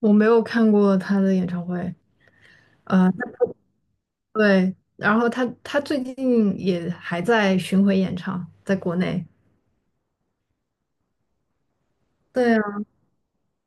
我没有看过他的演唱会。呃，对。然后他最近也还在巡回演唱，在国内。对啊，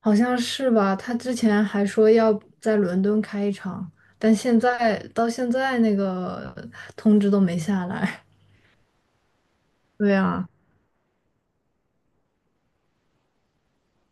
好像是吧？他之前还说要在伦敦开一场，但现在到现在那个通知都没下来。对啊。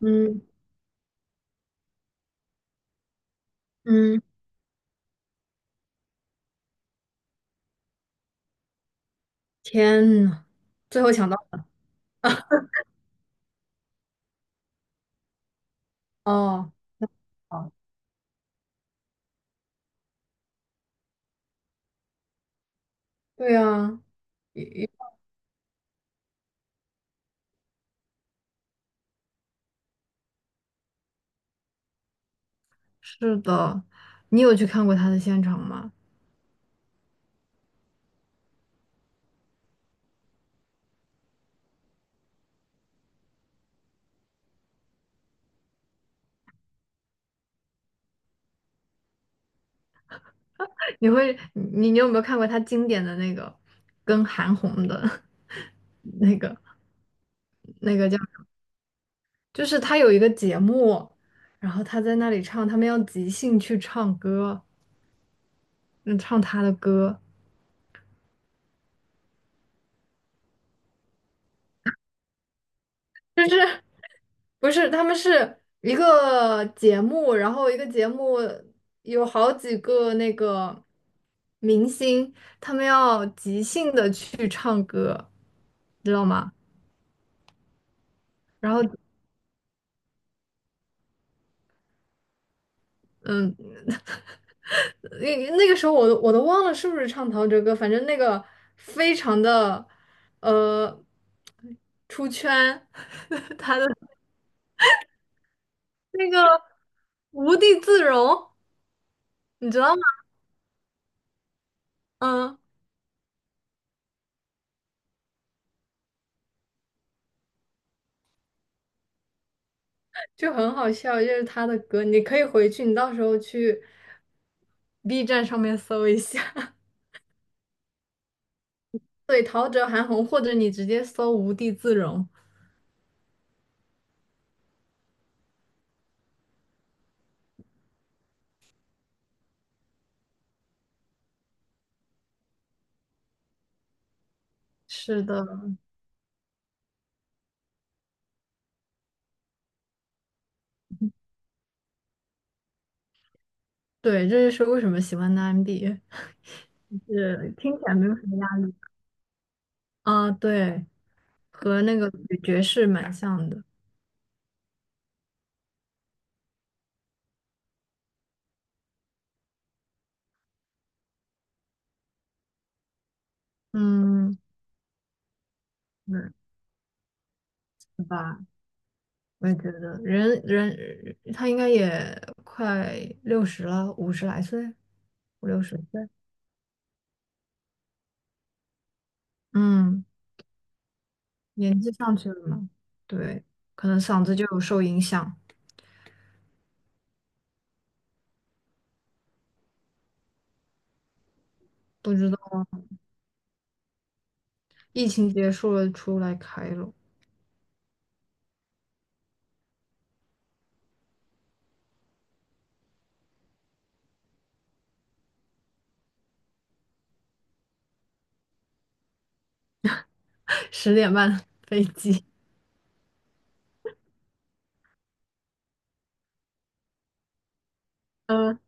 嗯嗯。天呐。最后抢到哦。对啊。也是的。你有去看过他的现场吗？你会你你有没有看过他经典的那个跟韩红的 那个那个叫，就是他有一个节目，然后他在那里唱，他们要即兴去唱歌。嗯，唱他的歌。就是不是他们是一个节目，然后一个节目有好几个那个明星，他们要即兴的去唱歌，知道吗？然后嗯，那个时候我都忘了是不是唱陶喆歌，反正那个非常的呃出圈，他的那个无地自容，你知道吗？嗯，就很好笑，就是他的歌，你可以回去，你到时候去 B 站上面搜一下。对，陶喆、韩红，或者你直接搜无地自容。是的。对，这就是为什么喜欢的 MB,就是听起来没有什么压力啊。对。和那个女爵士蛮像的。嗯。嗯，是吧？我也觉得，他应该也快六十了，五十来岁，五六十岁。嗯，年纪上去了嘛。对，可能嗓子就有受影响。不知道。疫情结束了，出来开了。十点半的飞机 嗯。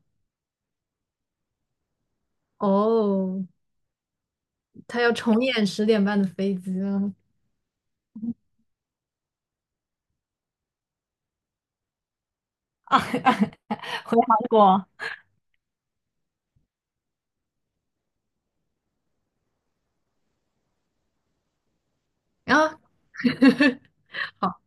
哦，他要重演十点半的飞机了。回韩国。然后，好，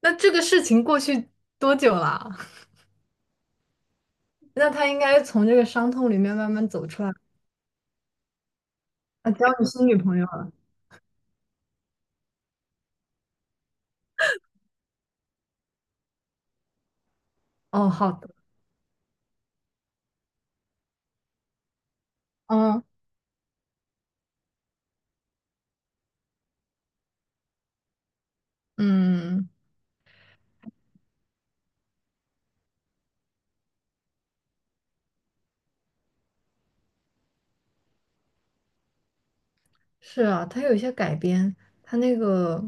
那这个事情过去多久了啊？那他应该从这个伤痛里面慢慢走出来。啊，交你新女朋友了？哦，好的。嗯嗯。是啊，他有一些改编，他那个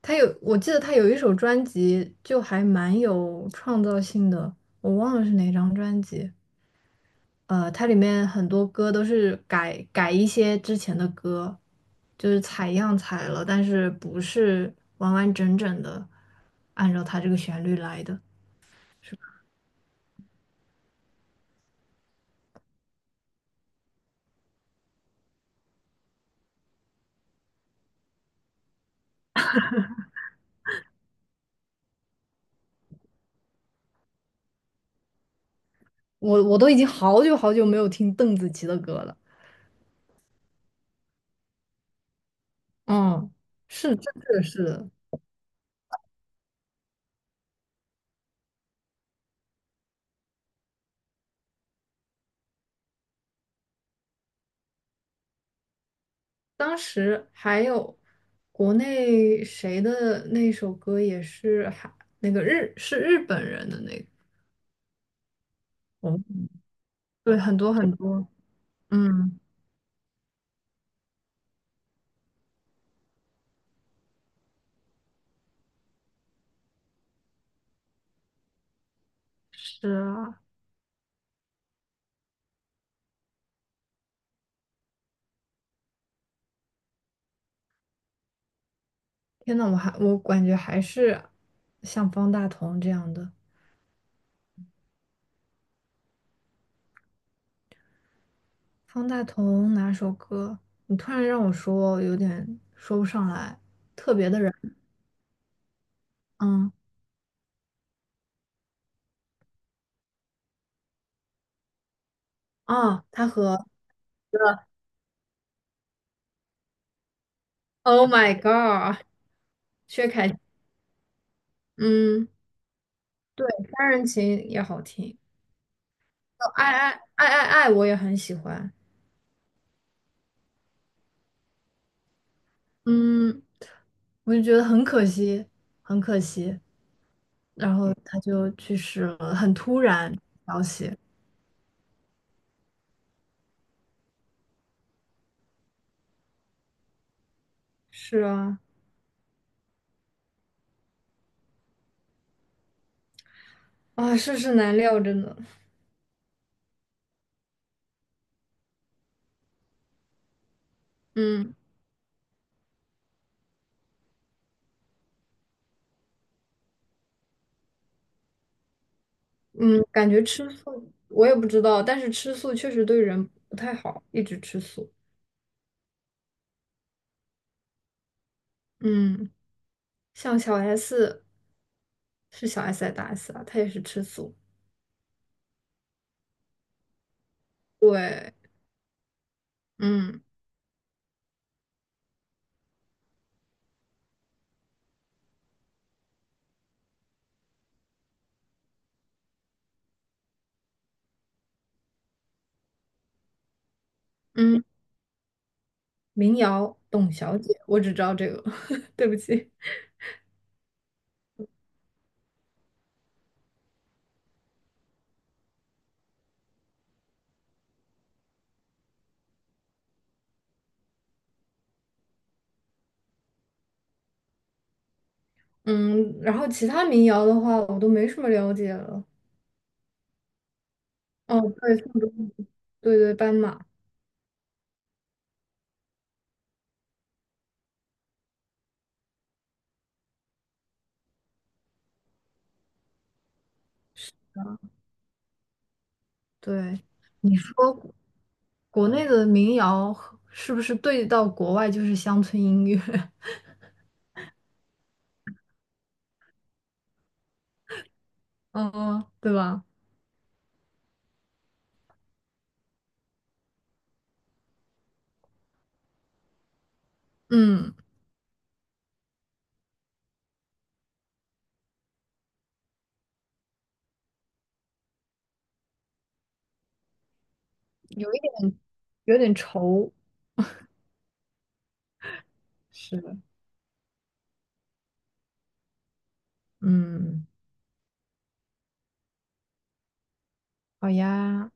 他有，我记得他有一首专辑就还蛮有创造性的，我忘了是哪张专辑。它里面很多歌都是改一些之前的歌，就是采样采了，但是不是完完整整的按照它这个旋律来的。我都已经好久好久没有听邓紫棋的歌了。嗯，是真的是的。当时还有国内谁的那首歌也是还那个日本人的那个。哦，对，很多很多。嗯，是啊。天呐，我还我感觉还是像方大同这样的。方大同哪首歌？你突然让我说，有点说不上来。特别的人。嗯啊，他和 Oh my God。薛凯琪嗯。对，《三人情》也好听。哦爱爱爱》我也很喜欢。嗯，我就觉得很可惜，很可惜。然后他就去世了，很突然消息。是啊。啊，世事难料，真的。嗯嗯，感觉吃素，我也不知道，但是吃素确实对人不太好，一直吃素。嗯，像小 S 是小 S 还是大 S 啊？她也是吃素。对。嗯嗯。民谣《董小姐》，我只知道这个。对不起。嗯，然后其他民谣的话，我都没什么了解了。哦，对，对对，斑马。对。你说国内的民谣和是不是对到国外就是乡村音乐？嗯，对吧？嗯，有一点，有点愁。是的。嗯。好呀。